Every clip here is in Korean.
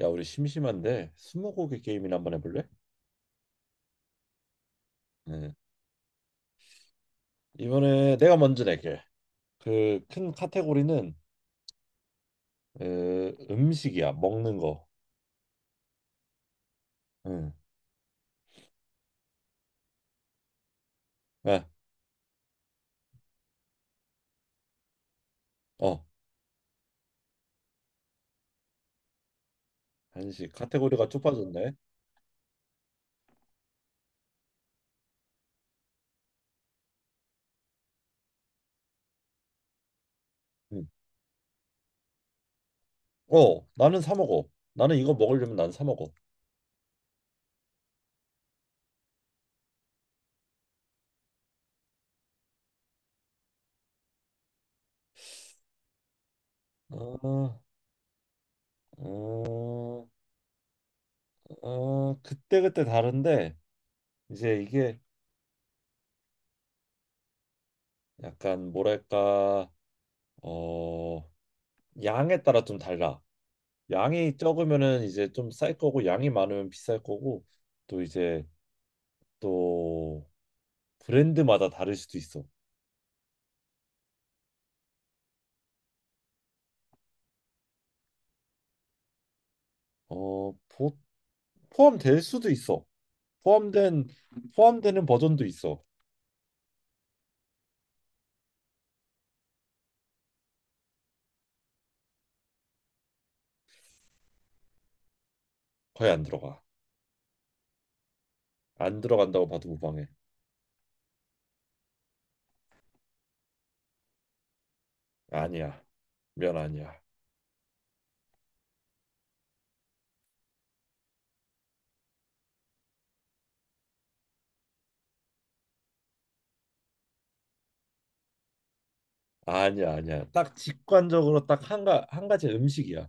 야, 우리 심심한데 스무고개 게임이나 한번 해볼래? 응. 이번에 내가 먼저 낼게. 그 큰 카테고리는 그 음식이야, 먹는 거. 응. 네. 어, 한식 카테고리가 좁아졌네. 응. 어, 나는 사 먹어. 나는 이거 먹으려면 난 사 먹어. 어, 어, 그때 그때 다른데 이제 이게 약간 뭐랄까, 어, 양에 따라 좀 달라. 양이 적으면은 이제 좀 쌀 거고 양이 많으면 비쌀 거고 또 이제 또 브랜드마다 다를 수도 있어. 어, 보, 포함될 수도 있어. 포함된 포함되는 버전도 있어. 거의 안 들어가. 안 들어간다고 봐도 무방해. 아니야. 면 아니야. 아니야, 아니야. 딱 직관적으로 딱 한 가지 음식이야.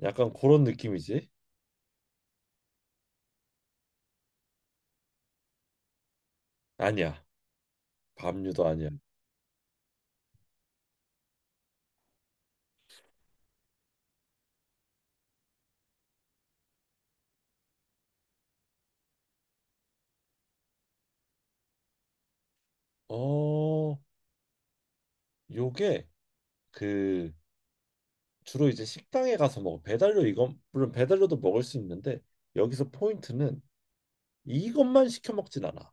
약간 그런 느낌이지? 아니야. 밥류도 아니야. 어, 요게 그 주로 이제 식당에 가서 먹어. 배달료 이건 물론 배달료도 먹을 수 있는데 여기서 포인트는 이것만 시켜 먹진 않아.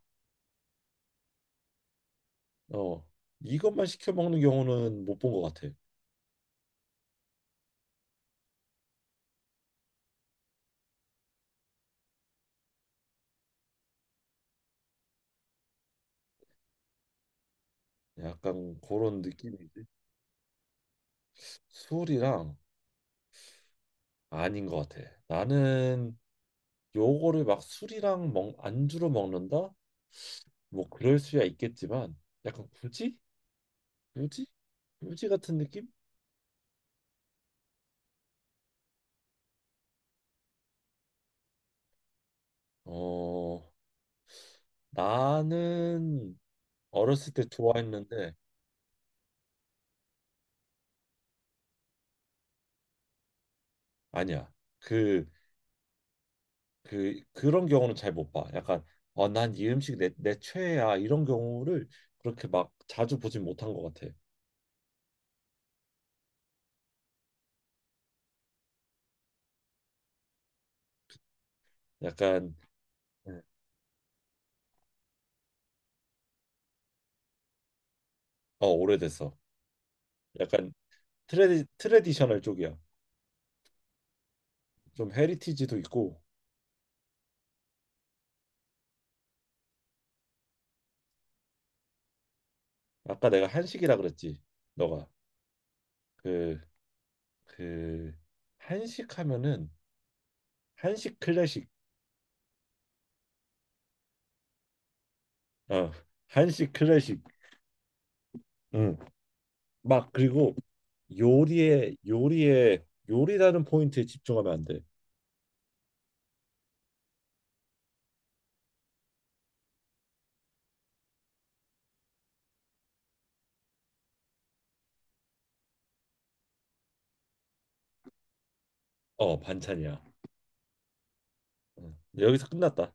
어, 이것만 시켜 먹는 경우는 못 본 것 같아. 약간 그런 느낌이지. 술이랑 아닌 것 같아. 나는 요거를 막 술이랑 안주로 먹는다? 뭐 그럴 수야 있겠지만 약간 굳이? 굳이? 굳이 같은 느낌? 어, 나는 어렸을 때 좋아했는데 아니야. 그 그런 경우는 잘 못 봐. 약간 아, 난 이 음식 내 최애야 이런 경우를 그렇게 막 자주 보진 못한 것 같아. 약간 네. 어, 오래됐어. 약간 트레디셔널 쪽이야. 좀 헤리티지도 있고. 아까 내가 한식이라 그랬지. 너가 그 그 한식 하면은 한식 클래식. 어, 한식 클래식. 응막 그리고 요리에 요리에 요리라는 포인트에 집중하면 안 돼. 어, 반찬이야. 여기서 끝났다.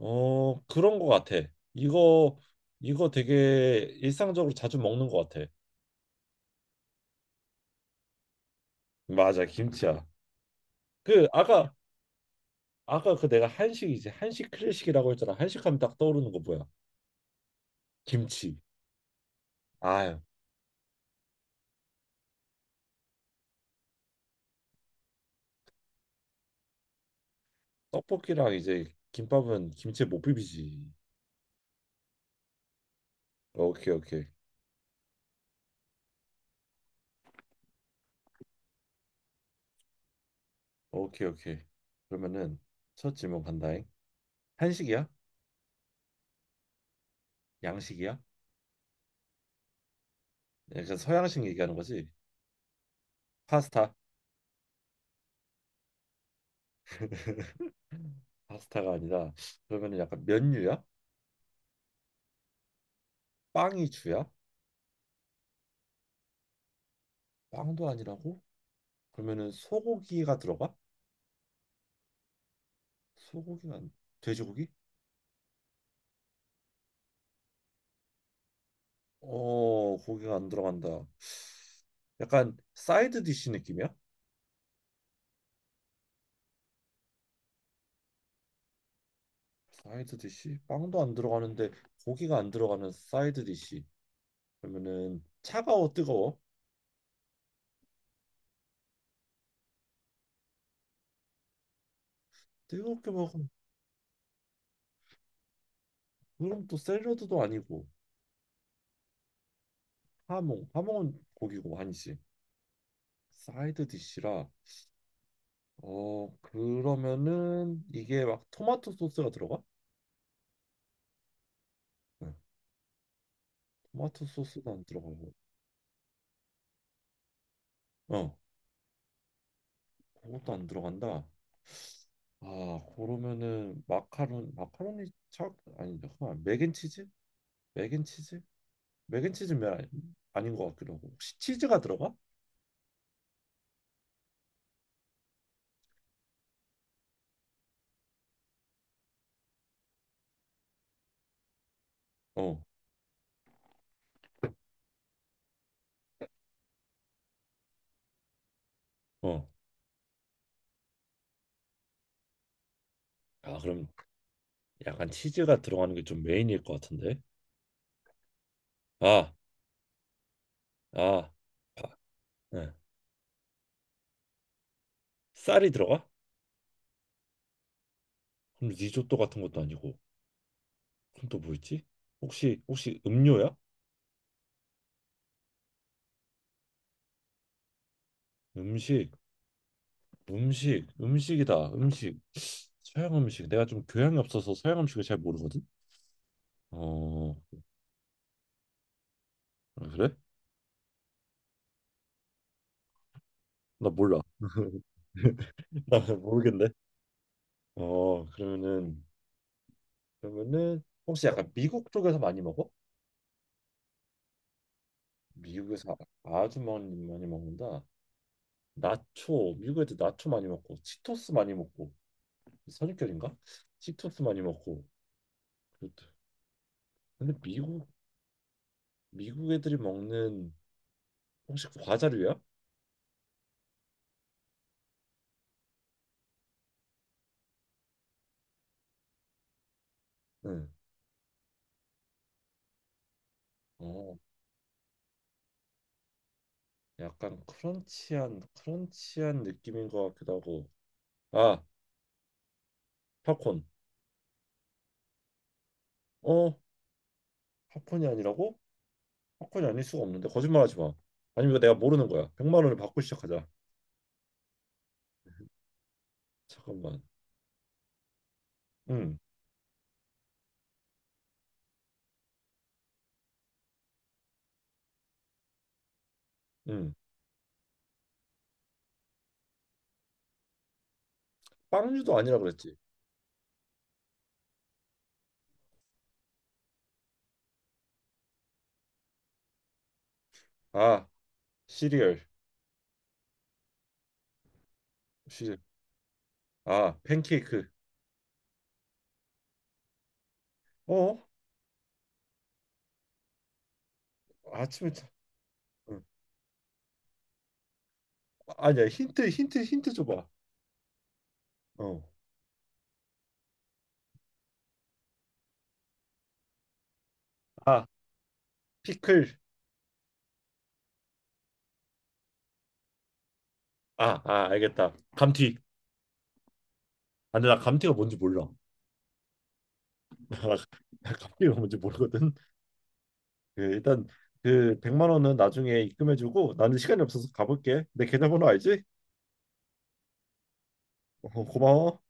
어, 그런 거 같아. 이거 이거 되게 일상적으로 자주 먹는 거 같아. 맞아, 김치야. 그 아까 내가 한식이지. 한식 클래식이라고 했잖아. 한식하면 딱 떠오르는 거 뭐야? 김치. 아유, 떡볶이랑 이제 김밥은 김치에 못 비비지. 오케이, 오케이. 오케이, 오케이. 그러면은 첫 질문 간다잉. 한식이야? 양식이야? 약간 서양식 얘기하는 거지? 파스타. 파스타가 아니라 그러면은 약간 면류야? 빵이 주야? 빵도 아니라고? 그러면은 소고기가 들어가? 소고기가 안- 돼지고기? 어, 고기가 안 들어간다. 약간 사이드 디시 느낌이야? 사이드 디시? 빵도 안 들어가는데 고기가 안 들어가는 사이드 디시. 그러면은 차가워 뜨거워? 뜨겁게 먹으면 그럼 또 샐러드도 아니고 하몽은 고기고 아니지. 사이드 디시라. 어 그러면은 이게 막 토마토 소스가 들어가? 응. 토마토 소스도 안 들어가고 어, 그것도 안 들어간다. 아, 그러면은 마카론, 마카로니 착 아니 잠깐만 맥앤치즈? 맥앤치즈? 맥앤치즈 면 아니- 아닌 것 같기도 하고 혹시 치즈가 들어가? 어, 어. 아, 그럼 약간 치즈가 들어가는 게 좀 메인일 것 같은데. 아, 아, 바- 네. 쌀이 들어가? 그럼 리조또 같은 것도 아니고 그럼 또 뭐 있지? 혹시 혹시 음료야? 음식, 음식이다. 음식. 서양 음식. 내가 좀 교양이 없어서 서양 음식을 잘 모르거든. 어, 아, 그래? 나 몰라. 나 모르겠네. 어, 그러면은 혹시 약간 미국 쪽에서 많이 먹어? 미국에서 아- 아주 많이 먹는다. 나초 미국 애들 나초 많이 먹고 치토스 많이 먹고 선입견인가? 치토스 많이 먹고 그렇다. 근데 미국 미국 애들이 먹는 혹시 과자류야? 응. 어, 약간 크런치한 느낌인 것 같기도 하고. 아, 팝콘. 어, 팝콘이 아니라고? 사건이 아닐 수가 없는데 거짓말하지 마. 아니면 이거 내가 모르는 거야. 100만 원을 받고 시작하자. 잠깐만. 응, 응. 빵류도 아니라 그랬지. 아, 시리얼. 시리얼. 아, 팬케이크. 어? 아침에 자. 응. 아니야. 힌트 줘봐. 어. 아, 피클. 아, 아, 알겠다. 감튀. 아, 근데 나 감튀가 뭔지 몰라. 나 감튀가 뭔지 모르거든. 그, 일단 그 100만 원은 나중에 입금해주고 나는 시간이 없어서 가볼게. 내 계좌번호 알지? 어, 고마워.